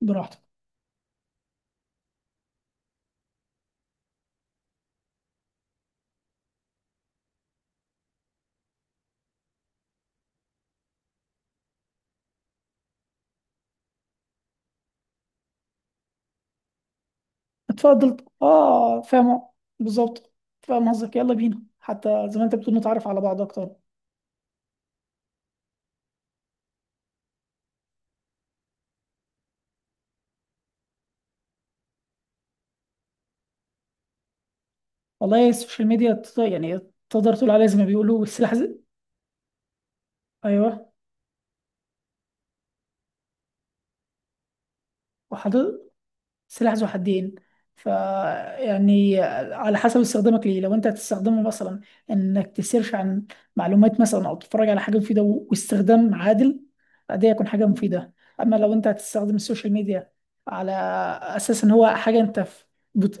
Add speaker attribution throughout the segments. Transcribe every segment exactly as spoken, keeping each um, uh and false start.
Speaker 1: براحتك. اتفضل، اه، فاهم. بالظبط. فاهم قصدك، يلا بينا حتى زي ما انت بتقول نتعرف على بعض اكتر. والله السوشيال ميديا تط- يعني تقدر تقول عليها زي ما بيقولوا السلاح ذ- ايوه، وحضرتك سلاح ذو حدين. ف يعني على حسب استخدامك ليه، لو انت هتستخدمه مثلا انك تسيرش عن معلومات مثلا او تتفرج على حاجه مفيده واستخدام عادل، ده يكون حاجه مفيده. اما لو انت هتستخدم السوشيال ميديا على اساس ان هو حاجه انت في،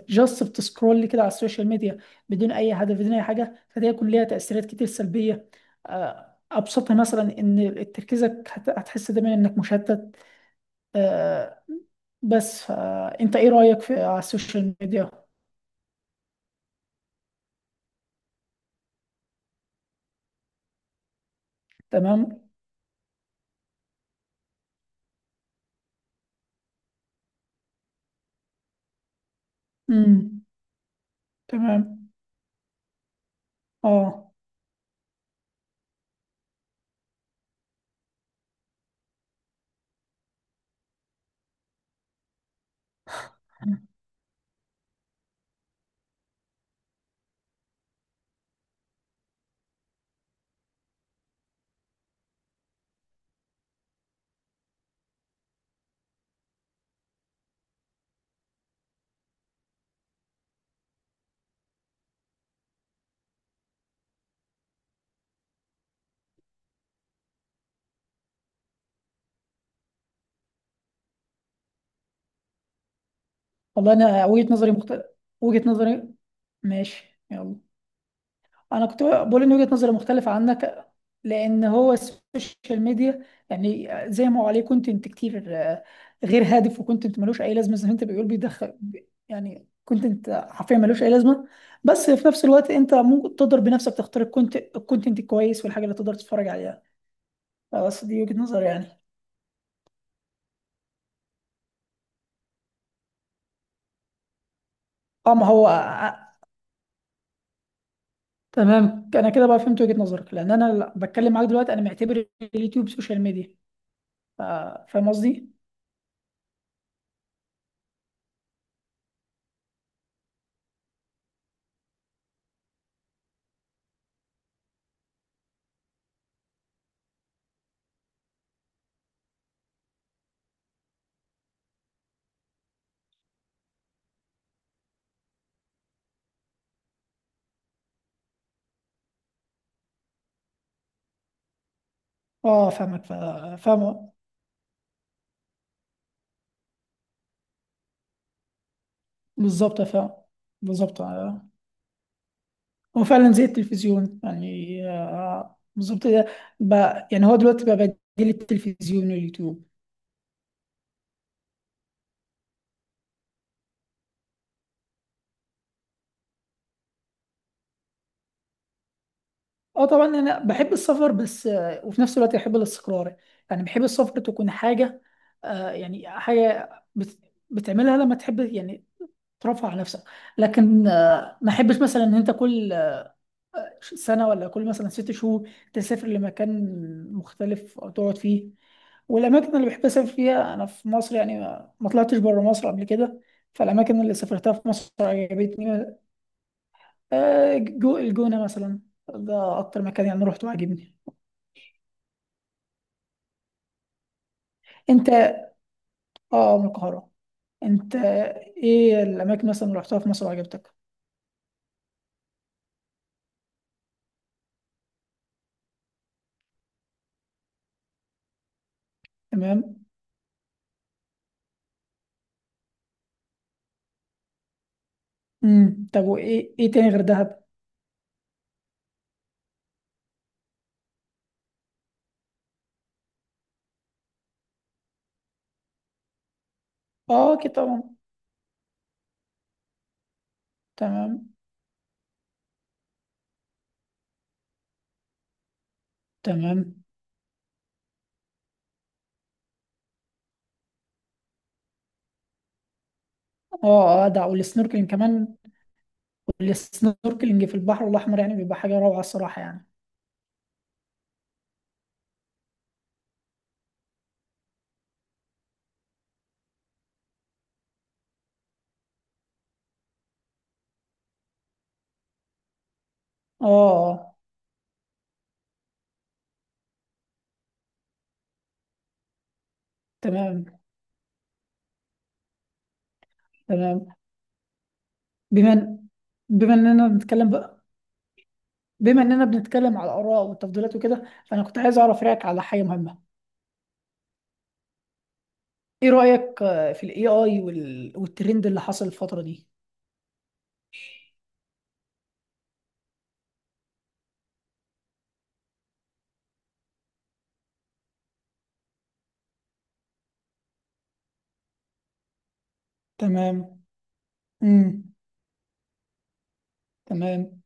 Speaker 1: جاست بتسكرول كده على السوشيال ميديا بدون اي هدف بدون اي حاجه، فده يكون ليها تاثيرات كتير سلبيه. آه، ابسطها مثلا ان تركيزك هت- هتحس دايما انك مشتت. آه، بس فانت ايه رأيك في آه، على السوشيال ميديا؟ تمام. امم. تمام. اه. والله انا وجهة نظري مختلف، وجهة نظري. ماشي، يلا. انا كنت بقول ان وجهة نظري مختلفة عنك، لان هو السوشيال ميديا يعني زي ما هو عليه كونتنت كتير، آه، غير هادف، وكونتنت ملوش اي لازمة زي ما انت بيقول بيدخل. يعني كونتنت حرفيا ملوش اي لازمة. بس في نفس الوقت انت ممكن تقدر بنفسك تختار الكونت- الكونتنت الكويس والحاجة اللي تقدر تتفرج عليها. لا، بس دي وجهة نظر يعني. اه، ما هو، آه، آه، تمام. انا كده بقى فهمت وجهة نظرك، لان انا ل- بتكلم معاك دلوقتي انا معتبر اليوتيوب سوشيال ميديا. ف- فاهم قصدي. اه، فاهمك فا- فاهم. بالظبط. فاهم. بالظبط آه. هو فعلا زي التلفزيون، يعني آه بالظبط. ده بقى يعني هو دلوقتي بقى بديل التلفزيون واليوتيوب. اه طبعا، انا بحب السفر بس آه، وفي نفس الوقت بحب الاستقرار. يعني بحب السفر تكون حاجة، آه يعني حاجة بت- بتعملها لما تحب، يعني ترفع على نفسك. لكن آه، ما احبش مثلا ان انت كل آه، سنه ولا كل مثلا ست شهور تسافر لمكان مختلف او تقعد فيه. والاماكن اللي بحب اسافر فيها انا في مصر، يعني ما ما طلعتش بره مصر قبل كده. فالاماكن اللي سافرتها في مصر عجبتني. آه، جو الجونه مثلا، ده اكتر مكان يعني روحته عجبني. انت، اه من القاهره. انت، ايه الاماكن مثلا اللي رحتها في مصر وعجبتك؟ تمام. امم. طب وايه، ايه تاني غير دهب؟ اه اكيد طبعا. تمام. تمام. اه اه ده، والسنوركلينج كمان. والسنوركلينج في البحر الأحمر يعني بيبقى حاجة روعة، الصراحة يعني. اه. آه، تمام. تمام. بما إن- بما اننا بنتكلم بقى، بما اننا بنتكلم على الآراء والتفضيلات وكده، فأنا كنت عايز أعرف رأيك على حاجة مهمة. ايه رأيك آه، في الاي اي والترند اللي حصل الفترة دي؟ تمام. امم. تمام.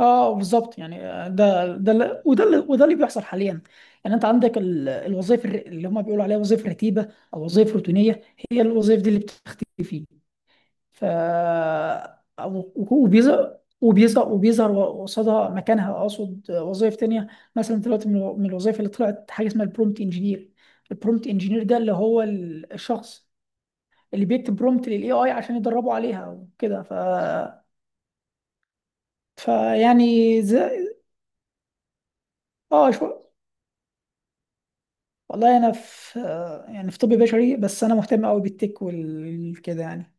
Speaker 1: اه بالظبط، يعني آه، ده ده اللي- وده اللي وده اللي بيحصل حاليا. يعني انت عندك ال- الوظائف الر- اللي هم بيقولوا عليها وظائف رتيبه او وظائف روتينيه، هي الوظائف دي اللي بتختفي. ف وبيظهر وبيظهر وبيظهر قصادها، مكانها اقصد، وظائف تانية. مثلا دلوقتي من الو- من الوظائف اللي طلعت حاجه اسمها البرومت انجينير. البرومت انجينير ده اللي هو ال- الشخص اللي بيكتب برومت للاي اي عشان يدربه عليها وكده. ف فيعني زي، اه شو. والله انا في، يعني في طب بشري، بس انا مهتم قوي بالتك والكده يعني.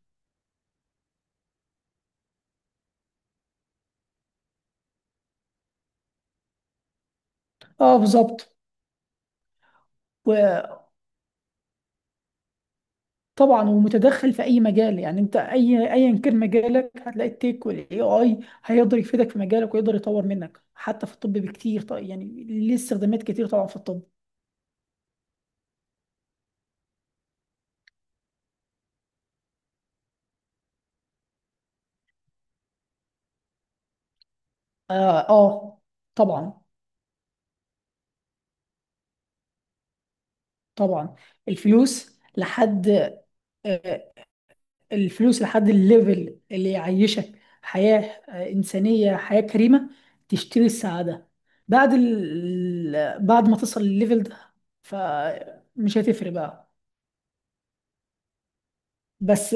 Speaker 1: اه بالظبط. وطبعا، ومتدخل في اي مجال، يعني انت اي، ايا كان مجالك هتلاقي التك والاي اي هيقدر يفيدك في مجالك ويقدر يطور منك، حتى في الطب بكتير طيب يعني ليه استخدامات كتير طبعا في الطب. اه, آه طبعا. طبعا. الفلوس لحد، آه، الفلوس لحد الليفل اللي يعيشك حياة، آه، إنسانية، حياة كريمة، تشتري السعادة. بعد ال... بعد ما تصل للليفل ده، فمش هتفرق بقى. بس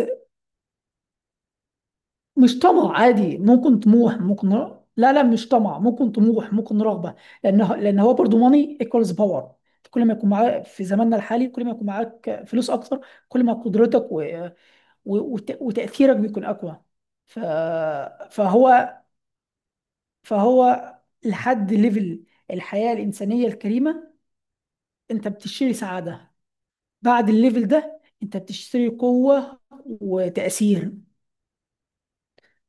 Speaker 1: مش طمع عادي، ممكن طموح ممكن ر- لا لا مش طمع، ممكن طموح ممكن رغبة. لأنه لأن هو برضو ماني ايكوالز باور. كل ما يكون معاك في زماننا الحالي، كل ما يكون معاك فلوس أكتر، كل ما قدرتك و... و... وت... وتأثيرك بيكون أقوى. ف... فهو فهو لحد ليفل الحياة الإنسانية الكريمة أنت بتشتري سعادة. بعد الليفل ده أنت بتشتري قوة وتأثير.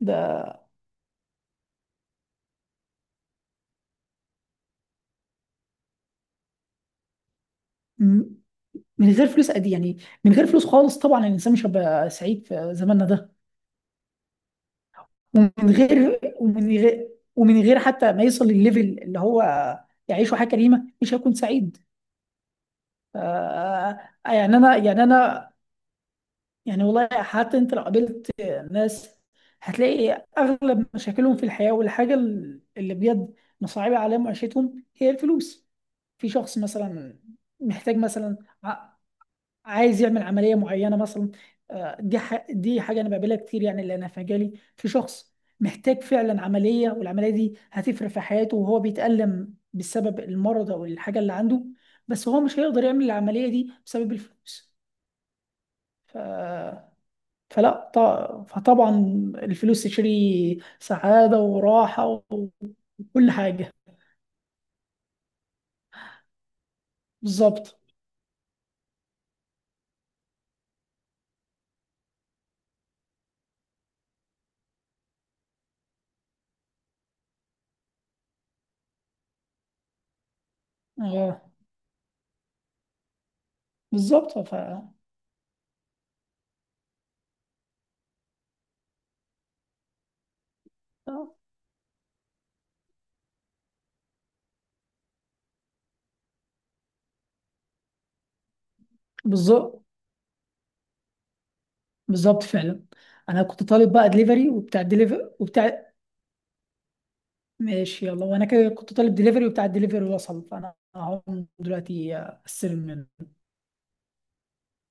Speaker 1: ده م- من غير فلوس قد إيه؟ يعني من غير فلوس خالص طبعا الإنسان مش هيبقى سعيد في زماننا ده. ومن غير ومن غير ومن غير حتى ما يصل للليفل اللي هو يعيشه حياة كريمة مش هيكون سعيد. آه، يعني أنا يعني أنا يعني والله حتى انت لو قابلت ناس هتلاقي اغلب مشاكلهم في الحياة، والحاجة اللي بجد مصعبة عليهم عيشتهم هي الفلوس. في شخص مثلا محتاج مثلا ع- عايز يعمل عملية معينة مثلا، آه، دي ح- دي حاجة انا بقابلها كتير يعني، اللي انا في مجالي في شخص محتاج فعلا عملية والعملية دي هتفرق في حياته وهو بيتألم بسبب المرض او الحاجة اللي عنده، بس هو مش هيقدر يعمل العملية دي بسبب الفلوس. فلا ط- فطبعا الفلوس تشتري سعادة وراحة وكل حاجة. بالظبط. اه بالظبط. ف آه، بالظبط. بالظبط فعلا. انا كنت طالب بقى دليفري، وبتاع الدليفري وبتاع، ماشي يلا. وانا كده كنت طالب دليفري وبتاع الدليفري وصل، فانا هقوم دلوقتي استلم منه.